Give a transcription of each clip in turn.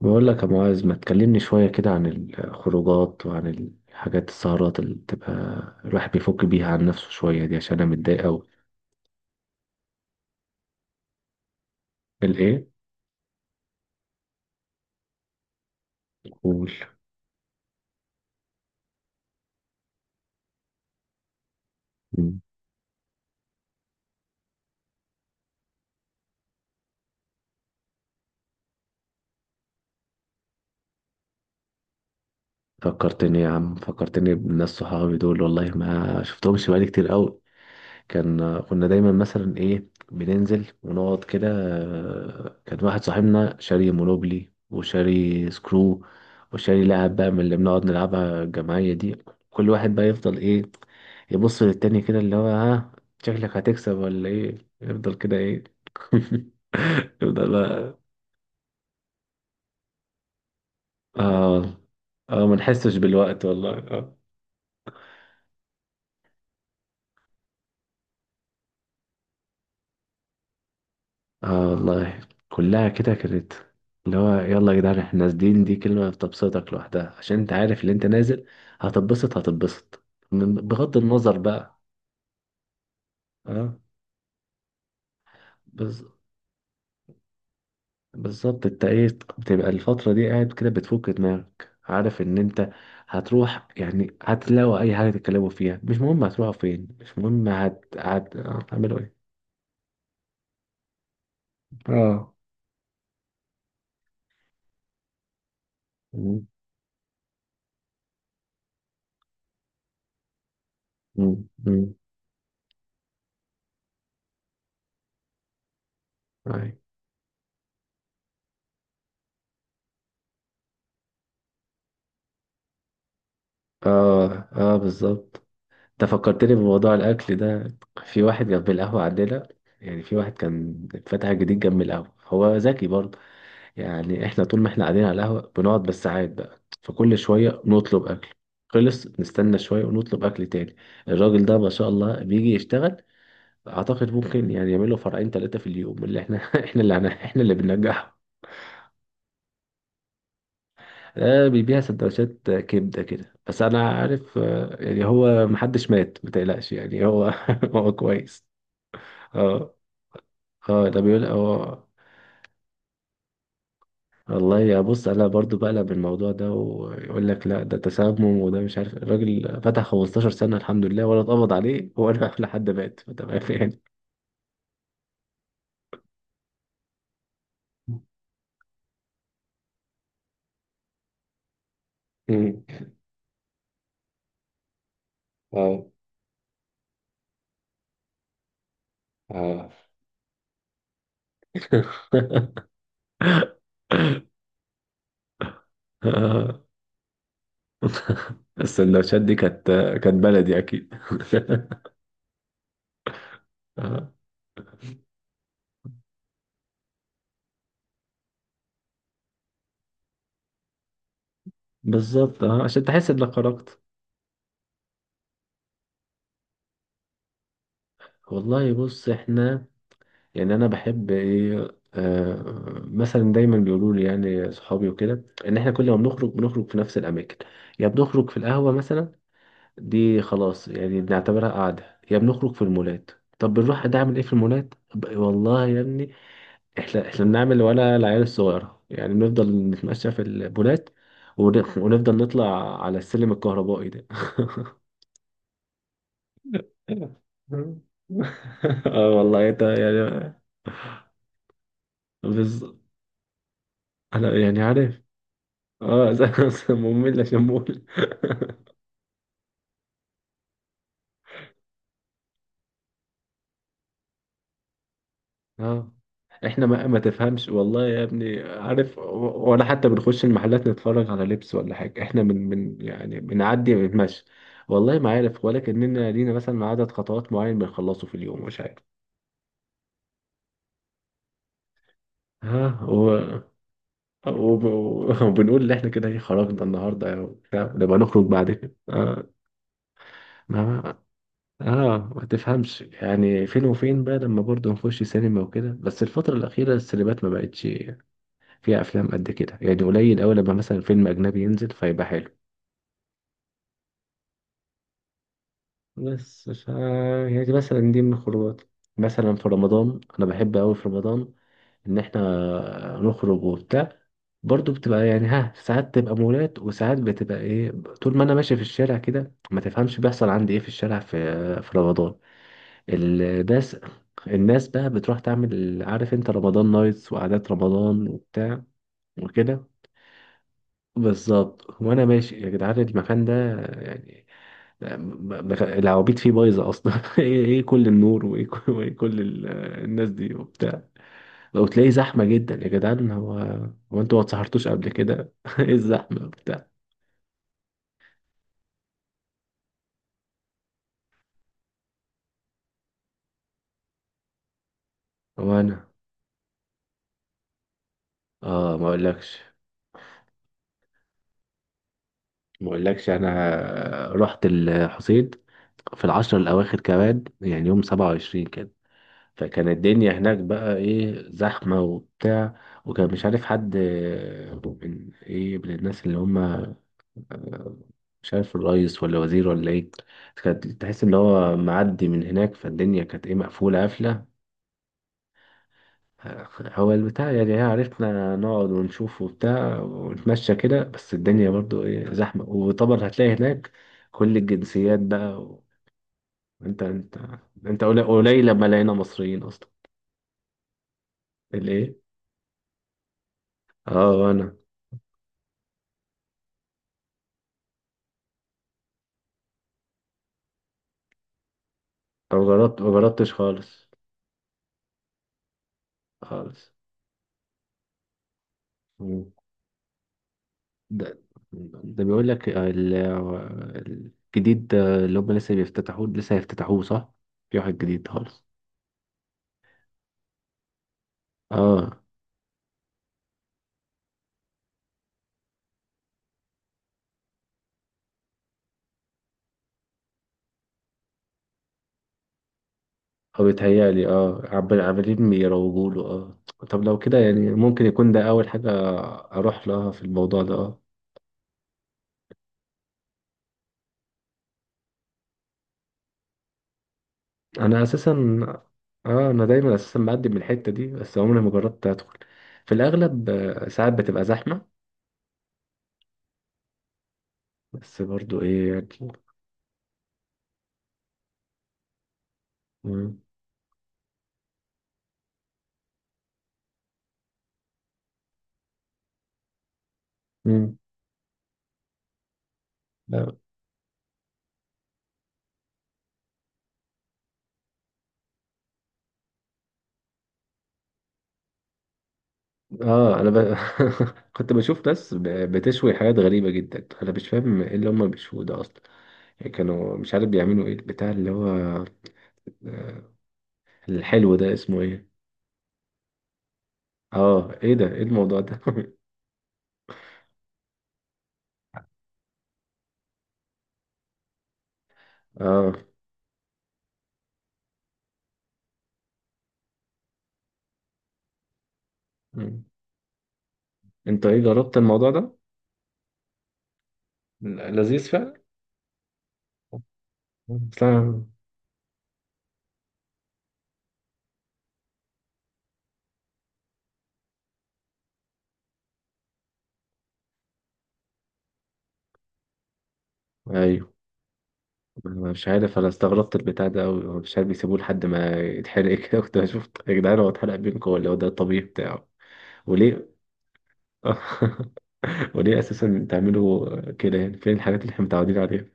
بقول لك يا معاذ، ما تكلمني شوية كده عن الخروجات وعن الحاجات السهرات اللي بتبقى الواحد بيفك بيها عن نفسه شوية دي؟ عشان أنا متضايق أوي. الإيه؟ قول. مم. فكرتني يا عم، فكرتني بالناس صحابي دول، والله ما شفتهمش بقالي كتير أوي. كنا دايما مثلا بننزل ونقعد كده. آه، كان واحد صاحبنا شاري مونوبلي وشاري سكرو وشاري لعب بقى من اللي بنقعد نلعبها الجماعية دي. كل واحد بقى يفضل ايه، يبص للتاني كده، اللي هو ها، شكلك هتكسب ولا ايه؟ يفضل كده ايه يفضل بقى. اه اه، ما نحسش بالوقت والله. آه. اه والله، كلها كده كانت اللي هو يلا يا جدعان احنا نازلين. دي كلمة بتبسطك لوحدها، عشان انت عارف اللي انت نازل هتتبسط هتتبسط، بغض النظر بقى. اه. بز... بالظبط. انت ايه بتبقى الفترة دي قاعد كده بتفك دماغك، عارف ان انت هتروح، يعني هتلاقوا اي حاجة تتكلموا فيها، مش مهم هتروحوا فين، مش مهم هتعملوا ايه. اه. مم. مم. مم. أي. اه اه بالظبط. انت فكرتني بموضوع الاكل ده. في واحد جنب القهوه عندنا، يعني في واحد كان فتح جديد جنب القهوه، هو ذكي برضه. يعني احنا طول ما احنا قاعدين على القهوه بنقعد بالساعات، بقى فكل شويه نطلب اكل، خلص نستنى شويه ونطلب اكل تاني. الراجل ده ما شاء الله بيجي يشتغل، اعتقد ممكن يعني يعمل له فرعين ثلاثه في اليوم اللي احنا احنا احنا اللي بننجحه. ده بيبيع سندوتشات كبده كده، بس انا عارف. آه، يعني هو محدش مات ما تقلقش يعني هو هو كويس. اه اه، ده بيقول هو. والله يا بص، انا برضو بقلب الموضوع ده ويقول لك لا ده تسمم، وده مش عارف الراجل فتح 15 سنة الحمد لله، ولا اتقبض عليه ولا لحد مات، فتمام يعني. مم. اه اه آه. السندوتشات دي كانت، كانت بلدي اكيد آه. بالظبط، اه عشان تحس انك خرجت. والله بص، احنا يعني انا بحب ايه، آه مثلا دايما بيقولوا لي يعني صحابي وكده ان احنا كل ما بنخرج بنخرج في نفس الاماكن. يا بنخرج في القهوه مثلا، دي خلاص يعني بنعتبرها قعده، يا بنخرج في المولات. طب بنروح ده اعمل ايه في المولات؟ والله يا ابني احنا بنعمل وانا العيال الصغيره يعني، بنفضل نتمشى في المولات ونفضل نطلع على السلم الكهربائي ده اه والله انت يعني. بز... انا يعني عارف. اه مملة شمول. اه احنا ما تفهمش والله يا ابني، عارف ولا حتى بنخش المحلات نتفرج على لبس ولا حاجة، احنا من يعني بنعدي بنتمشى. والله ما عارف، ولا كأننا لينا مثلا عدد خطوات معين بنخلصه في اليوم، مش عارف. ها وب- وبنقول ان احنا كده ايه خرجنا النهارده وبتاع، نبقى نخرج بعد كده. اه ما اه، ما تفهمش يعني فين وفين بقى، لما برضه نخش سينما وكده. بس الفترة الأخيرة السينمات ما بقتش فيها افلام قد كده، يعني قليل اوي لما مثلا فيلم اجنبي ينزل فيبقى حلو. بس ف يعني دي مثلا دي من الخروجات. مثلا في رمضان، انا بحب اوي في رمضان ان احنا نخرج وبتاع. برضو بتبقى يعني ها ساعات تبقى مولات وساعات بتبقى ايه، طول ما انا ماشي في الشارع كده ما تفهمش بيحصل عندي ايه في الشارع، في في رمضان. الناس، الناس بقى بتروح تعمل عارف انت رمضان نايتس وقعدات رمضان وبتاع وكده. بالظبط، وانا ماشي يا جدعان المكان ده يعني، العوابيت فيه بايظه اصلا ايه إيه كل النور، وايه كل، وإيه كل الناس دي وبتاع. لو تلاقي زحمه جدا يا جدعان، هو هو انتوا ما اتسهرتوش قبل كده ايه الزحمه وبتاع. هو انا، اه ما اقولكش، ما اقولكش انا رحت الحسين في العشر الاواخر كمان، يعني يوم 27 كده. فكان الدنيا هناك بقى ايه زحمة وبتاع، وكان مش عارف حد، آه، من ايه من الناس اللي هم مش عارف الرئيس ولا وزير ولا ايه، كانت تحس ان هو معدي من هناك، فالدنيا كانت ايه مقفولة قافلة. هو البتاع يعني، إيه، عرفنا نقعد ونشوف وبتاع ونتمشى كده، بس الدنيا برضو ايه زحمة. وطبعا هتلاقي هناك كل الجنسيات بقى انت، انت قليل لما لقينا مصريين اصلا. الايه؟ اه وانا، أو جربت؟ ما جربتش خالص، خالص. مم. ده، بيقول لك الجديد ده اللي هم لسه بيفتتحوه، لسه هيفتتحوه صح؟ في واحد جديد خالص. اه هو بيتهيألي اه عمالين بيروجوا له اه. طب لو كده يعني ممكن يكون ده أول حاجة أروح لها في الموضوع ده اه. أنا أساسا، اه أنا دايما أساسا بقدم من الحتة دي بس عمري ما جربت أدخل في الأغلب. آه، ساعات بتبقى زحمة بس برضو إيه يعني. مم. مم. اه انا ب... كنت بشوف ناس ب... بتشوي حاجات غريبه جدا، انا مش فاهم ايه اللي هم بيشووا ده اصلا. يعني كانوا مش عارف بيعملوا ايه البتاع اللي هو الحلو ده اسمه ايه؟ اه ايه ده؟ ايه الموضوع ده اه. مم. انت ايه، جربت الموضوع ده؟ لذيذ فعلا؟ بس أنا، ايوه. أنا مش عارف، انا استغربت البتاع ده قوي، مش عارف بيسيبوه لحد ما يتحرق كده كنت بشوف يا جدعان هو اتحرق بينكم، ولا هو ده الطبيعي بتاعه؟ وليه؟ وليه اساسا تعملوا كده؟ يعني فين الحاجات اللي احنا متعودين عليها؟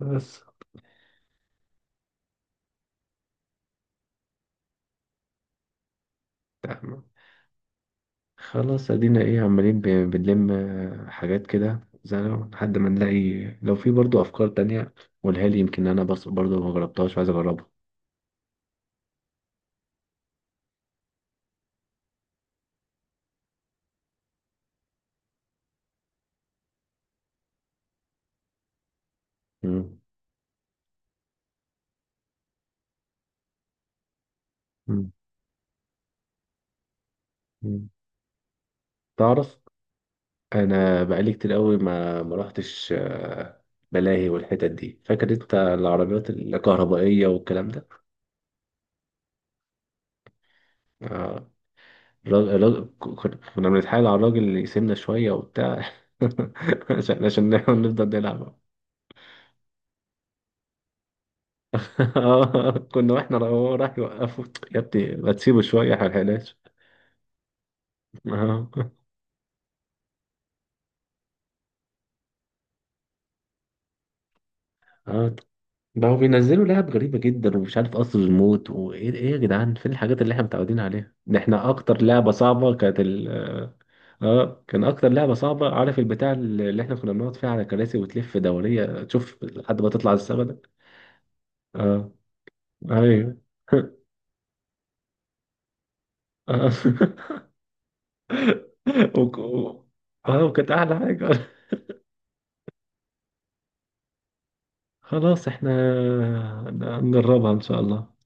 بس. تمام. خلاص ادينا ايه عمالين بنلم، آه، حاجات كده زي ما، لحد ما نلاقي لو في برضو افكار تانية قولها لي، يمكن انا بس برضو ما جربتهاش وعايز اجربها. مم. مم. مم. تعرف انا بقالي كتير قوي ما روحتش، آه، ملاهي والحتت دي، فاكر انت العربيات الكهربائية والكلام ده. آه. كنا بنتحايل على الراجل اللي يسيبنا شوية وبتاع عشان نفضل نلعب. اه، كنا واحنا هو راح يوقفه، يا ابني ما تسيبه شوية هلهلاش. اه. اه ده هو بينزلوا لعب غريبة جدا، ومش عارف قصر الموت وايه ايه ايه، يا جدعان فين الحاجات اللي احنا متعودين عليها، ده احنا اكتر لعبة صعبة كانت ال... اه كان اكتر لعبة صعبة عارف البتاع اللي احنا كنا بنقعد فيها على كراسي وتلف دورية تشوف لحد ما تطلع السما ده. اه ايوه آه. وك- و- اه وكانت احلى حاجة. خلاص احنا نجربها ان شاء الله.